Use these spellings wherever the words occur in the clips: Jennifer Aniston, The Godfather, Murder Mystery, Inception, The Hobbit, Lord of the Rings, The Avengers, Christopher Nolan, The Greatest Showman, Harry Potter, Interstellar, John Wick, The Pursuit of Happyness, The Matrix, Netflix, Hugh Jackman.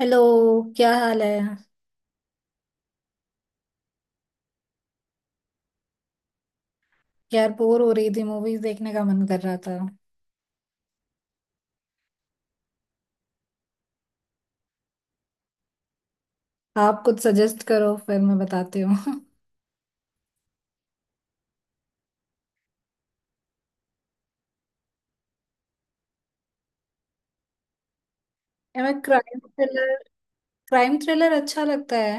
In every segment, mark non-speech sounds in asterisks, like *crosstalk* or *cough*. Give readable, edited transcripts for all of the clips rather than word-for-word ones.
Hello. क्या हाल है? यार, बोर हो रही थी, मूवीज देखने का मन कर रहा था। आप कुछ सजेस्ट करो फिर मैं बताती हूँ। *laughs* हमें क्राइम थ्रिलर, क्राइम थ्रिलर अच्छा लगता है।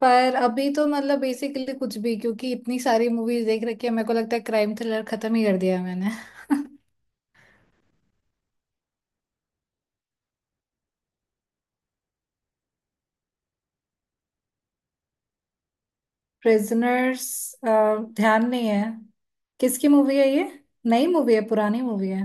पर अभी तो मतलब बेसिकली कुछ भी, क्योंकि इतनी सारी मूवीज देख रखी है, मेरे को लगता है क्राइम थ्रिलर खत्म ही कर दिया है मैंने। *laughs* प्रिजनर्स? ध्यान नहीं है। किसकी मूवी है ये? नई मूवी है पुरानी मूवी है?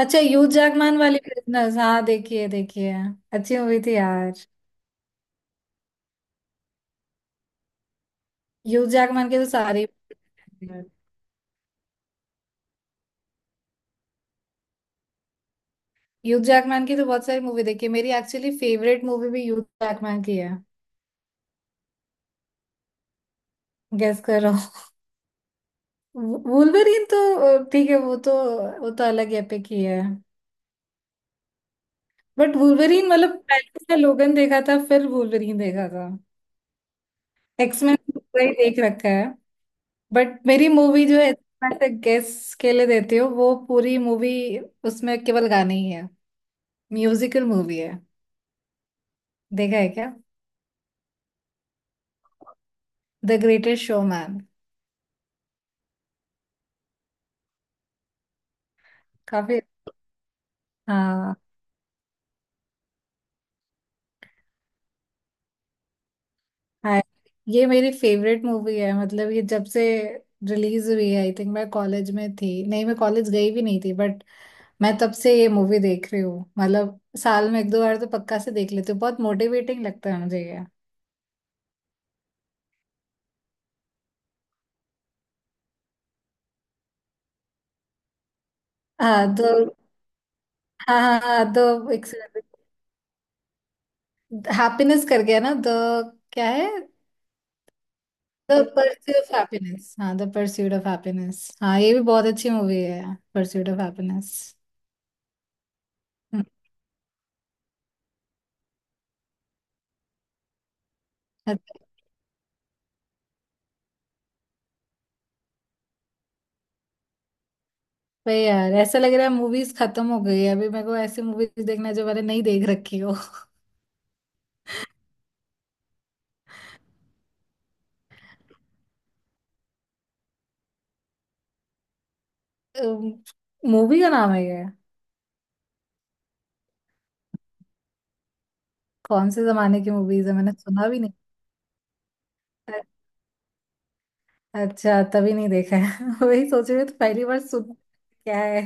अच्छा, यूज जागमान वाली प्रिजनर्स, हाँ देखिए देखिए, अच्छी मूवी थी यार। ह्यूज जैकमैन के तो सारे, ह्यूज जैकमैन *laughs* की तो बहुत सारी मूवी देखी है मेरी। एक्चुअली फेवरेट मूवी भी ह्यूज जैकमैन की है। गेस कर रहा हूँ। वुल्वरीन? तो ठीक है, वो तो, वो तो अलग एपिक ही है। बट वुल्वरीन, मतलब पहले उसने लोगन देखा था फिर वुल्वरीन देखा था। एक्समैन पूरा ही देख रखा है। बट मेरी मूवी जो है ऐसे गेस के लिए देती हो, वो पूरी मूवी उसमें केवल गाने ही है, म्यूजिकल मूवी है। देखा है क्या? The greatest showman. काफी। हाँ। हाँ, ये मेरी फेवरेट मूवी है। मतलब ये जब से रिलीज हुई है, आई थिंक मैं कॉलेज में थी, नहीं मैं कॉलेज गई भी नहीं थी, बट मैं तब से ये मूवी देख रही हूँ। मतलब साल में एक दो बार तो पक्का से देख लेती हूँ, बहुत मोटिवेटिंग लगता है मुझे ये। हाँ तो, हाँ हाँ हाँ तो एक, हैप्पीनेस कर गया ना द, क्या है, द परस्यूट ऑफ हैप्पीनेस, हाँ द परस्यूट ऑफ हैप्पीनेस, हाँ ये भी बहुत अच्छी मूवी है, परस्यूट ऑफ हैप्पीनेस। वही यार, ऐसा लग रहा है मूवीज खत्म हो गई है। अभी मेरे को ऐसी मूवीज देखना है जो मैंने नहीं देख रखी हो। मूवी का नाम है ये? कौन से जमाने की मूवीज है, मैंने सुना भी नहीं। अच्छा, तभी नहीं देखा है। *laughs* वही सोच रही हूँ तो पहली बार सुन, क्या है?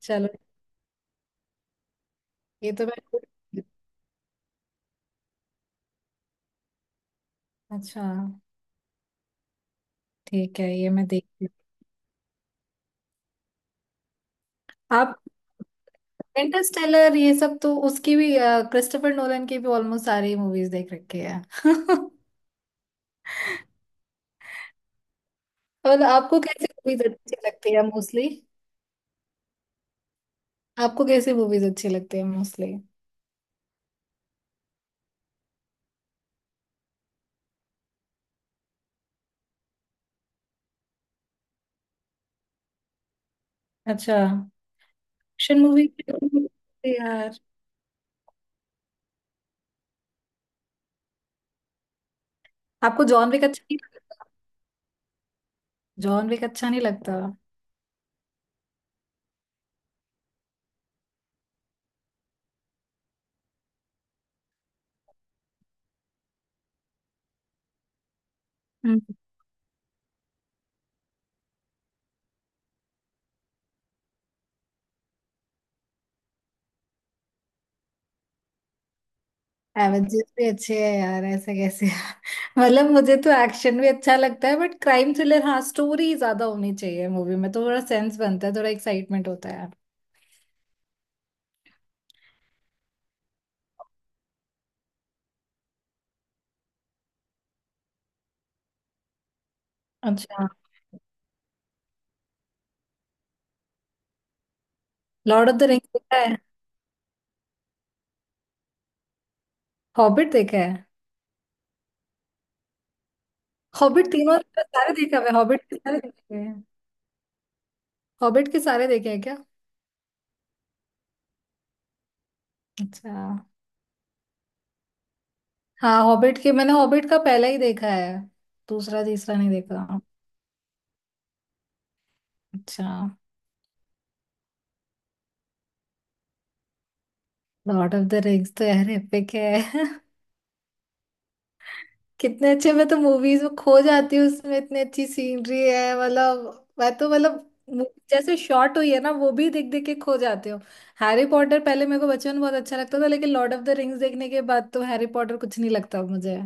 चलो, ये तो मैं, अच्छा ठीक है, ये मैं देखती हूँ आप। इंटरस्टेलर? ये सब तो उसकी भी, क्रिस्टोफर नोलन की भी ऑलमोस्ट सारी मूवीज देख रखी है। *laughs* मतलब आपको कैसी मूवीज अच्छी लगती है मोस्टली? आपको कैसी मूवीज अच्छी लगती है मोस्टली? अच्छा। Action movie? यार, आपको जॉन विक अच्छा नहीं लगता? जॉन विक अच्छा नहीं लगता? हम्म। एवेंजर्स भी अच्छे है यार, ऐसे कैसे। *laughs* मतलब मुझे तो एक्शन भी अच्छा लगता है, बट क्राइम थ्रिलर हाँ, स्टोरी ज्यादा होनी चाहिए मूवी में, तो थोड़ा सेंस बनता है, थोड़ा एक्साइटमेंट होता है। अच्छा। लॉर्ड ऑफ द रिंग्स देखा है? हॉबिट देखा है? हॉबिट तीनों सारे देखा हुआ है, हॉबिट के सारे देखे हैं। हॉबिट के सारे देखे हैं क्या? अच्छा। हाँ, हॉबिट के मैंने हॉबिट का पहला ही देखा है, दूसरा तीसरा नहीं देखा। अच्छा। लॉर्ड ऑफ द रिंग्स तो यार एपिक है। *laughs* कितने अच्छे, मैं तो मूवीज में खो जाती हूँ, उसमें इतनी अच्छी सीनरी है। मतलब मैं तो, मतलब movie जैसे शॉर्ट हुई है ना, वो भी देख देख के खो जाती हूँ। हैरी पॉटर पहले मेरे को बचपन में बहुत अच्छा लगता था, लेकिन लॉर्ड ऑफ द रिंग्स देखने के बाद तो हैरी पॉटर कुछ नहीं लगता अब मुझे।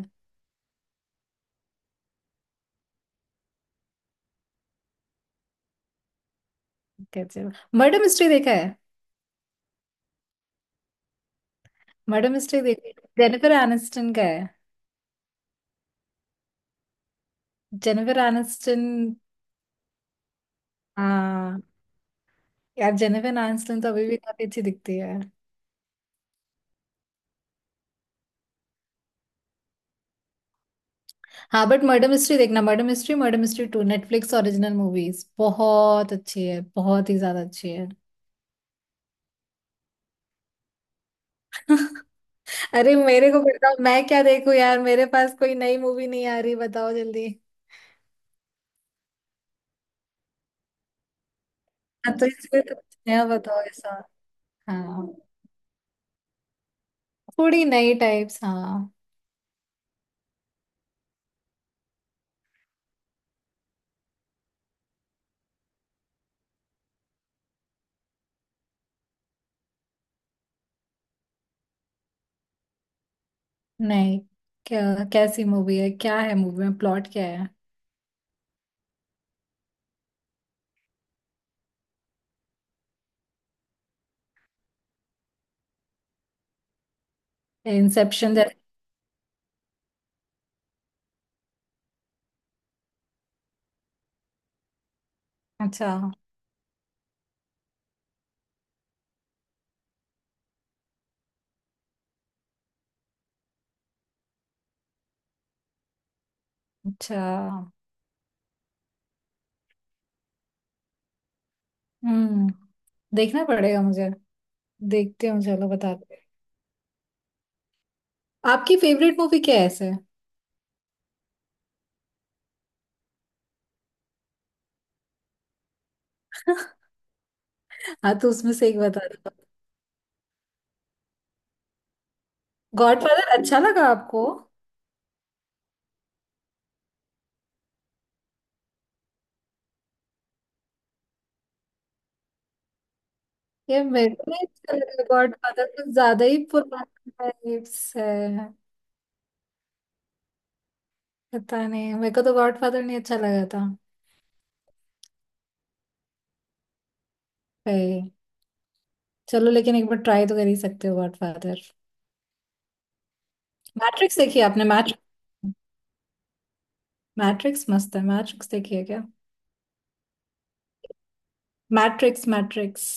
कैसे? मर्डर मिस्ट्री देखा है? मर्डर मिस्ट्री देखा? जेनिफर एनिस्टन का है, जेनिफर एनिस्टन। यार जेनिफर आनिस्टन तो अभी भी काफी अच्छी दिखती है। हाँ, बट मर्डर मिस्ट्री देखना, murder mystery, murder mystery two, Netflix original movies, बहुत अच्छी है, बहुत ही ज्यादा अच्छी है। *laughs* अरे मेरे को बताओ मैं क्या देखूं यार, मेरे पास कोई नई मूवी नहीं आ रही, बताओ जल्दी। हाँ तो इसलिए तो कुछ नया बताओ ऐसा। हाँ, थोड़ी नई टाइप्स हाँ। नहीं। क्या? कैसी मूवी है, क्या है मूवी में, प्लॉट क्या है? इंसेप्शन जैसे? अच्छा। अच्छा। हम्म। देखना पड़ेगा मुझे, देखते हैं, चलो बताते हैं। आपकी फेवरेट मूवी क्या है ऐसे? *laughs* हाँ तो उसमें से एक बता दो। गॉडफादर अच्छा लगा आपको? ये मेरे को नहीं अच्छा लगा गॉडफादर, कुछ ज्यादा ही पुराना टाइप्स है। पता नहीं, मेरे को तो गॉडफादर नहीं अच्छा लगा था। भाई, चलो लेकिन एक बार ट्राई तो कर ही सकते हो गॉडफादर। मैट्रिक्स देखी आपने? मैट्रिक्स, मैट्रिक्स मस्त है, मैट्रिक्स देखी है क्या? Matrix, matrix.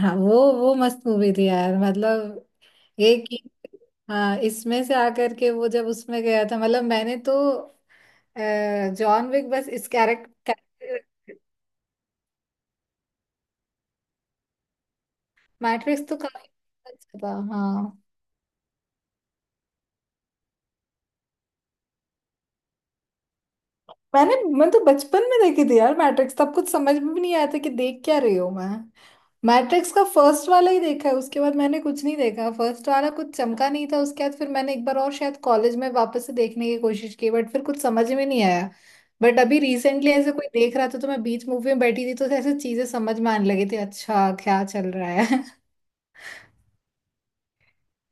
हाँ, वो मस्त मूवी थी यार, मतलब एक ही। हाँ, इसमें से आकर के वो जब उसमें गया था, मतलब मैंने तो, अ, जॉन विक बस इस कैरेक्टर। मैट्रिक्स तो काफी अच्छा था हाँ। मैंने, मैं तो बचपन में देखी थी यार मैट्रिक्स, तब कुछ समझ में भी नहीं आया था कि देख क्या रही हूँ मैं। मैट्रिक्स का फर्स्ट वाला ही देखा है, उसके बाद मैंने कुछ नहीं देखा। फर्स्ट वाला कुछ चमका नहीं था, उसके बाद फिर मैंने एक बार और शायद कॉलेज में वापस से देखने की कोशिश की, बट फिर कुछ समझ में नहीं आया। बट अभी रिसेंटली ऐसे कोई देख रहा था तो मैं बीच मूवी में बैठी थी, तो ऐसे चीजें समझ में आने लगी थी, अच्छा क्या चल रहा है।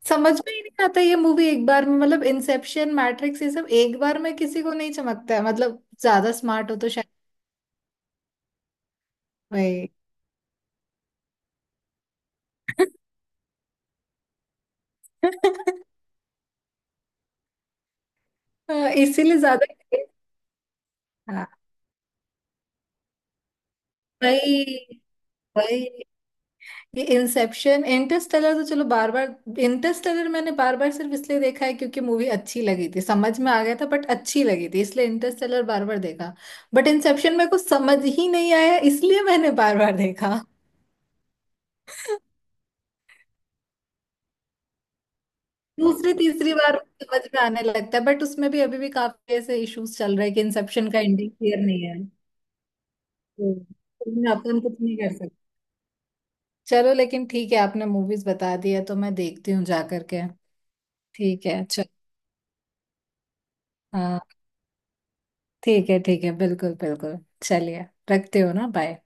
*laughs* समझ में ही नहीं आता ये मूवी एक बार में, मतलब इंसेप्शन, मैट्रिक्स, ये सब एक बार में किसी को नहीं चमकता है। मतलब ज्यादा स्मार्ट हो तो शायद। भाई। *laughs* हाँ, इसीलिए ज्यादा। हाँ, वही, वही। ये इंसेप्शन इंटरस्टेलर तो चलो, बार बार इंटरस्टेलर मैंने बार बार सिर्फ इसलिए देखा है क्योंकि मूवी अच्छी लगी थी, समझ में आ गया था बट अच्छी लगी थी, इसलिए इंटरस्टेलर बार बार देखा। बट इंसेप्शन मेरे को समझ ही नहीं आया इसलिए मैंने बार बार देखा। दूसरी तीसरी बार समझ में आने लगता है, बट उसमें भी अभी भी काफी ऐसे इश्यूज चल रहे हैं कि इंसेप्शन का एंडिंग क्लियर नहीं है। तो उसमें अपन कुछ नहीं कर। चलो लेकिन ठीक है, आपने मूवीज बता दिया तो मैं देखती हूँ जा करके। ठीक है चल। हाँ, ठीक है ठीक है, बिल्कुल बिल्कुल। चलिए, रखते हो ना, बाय।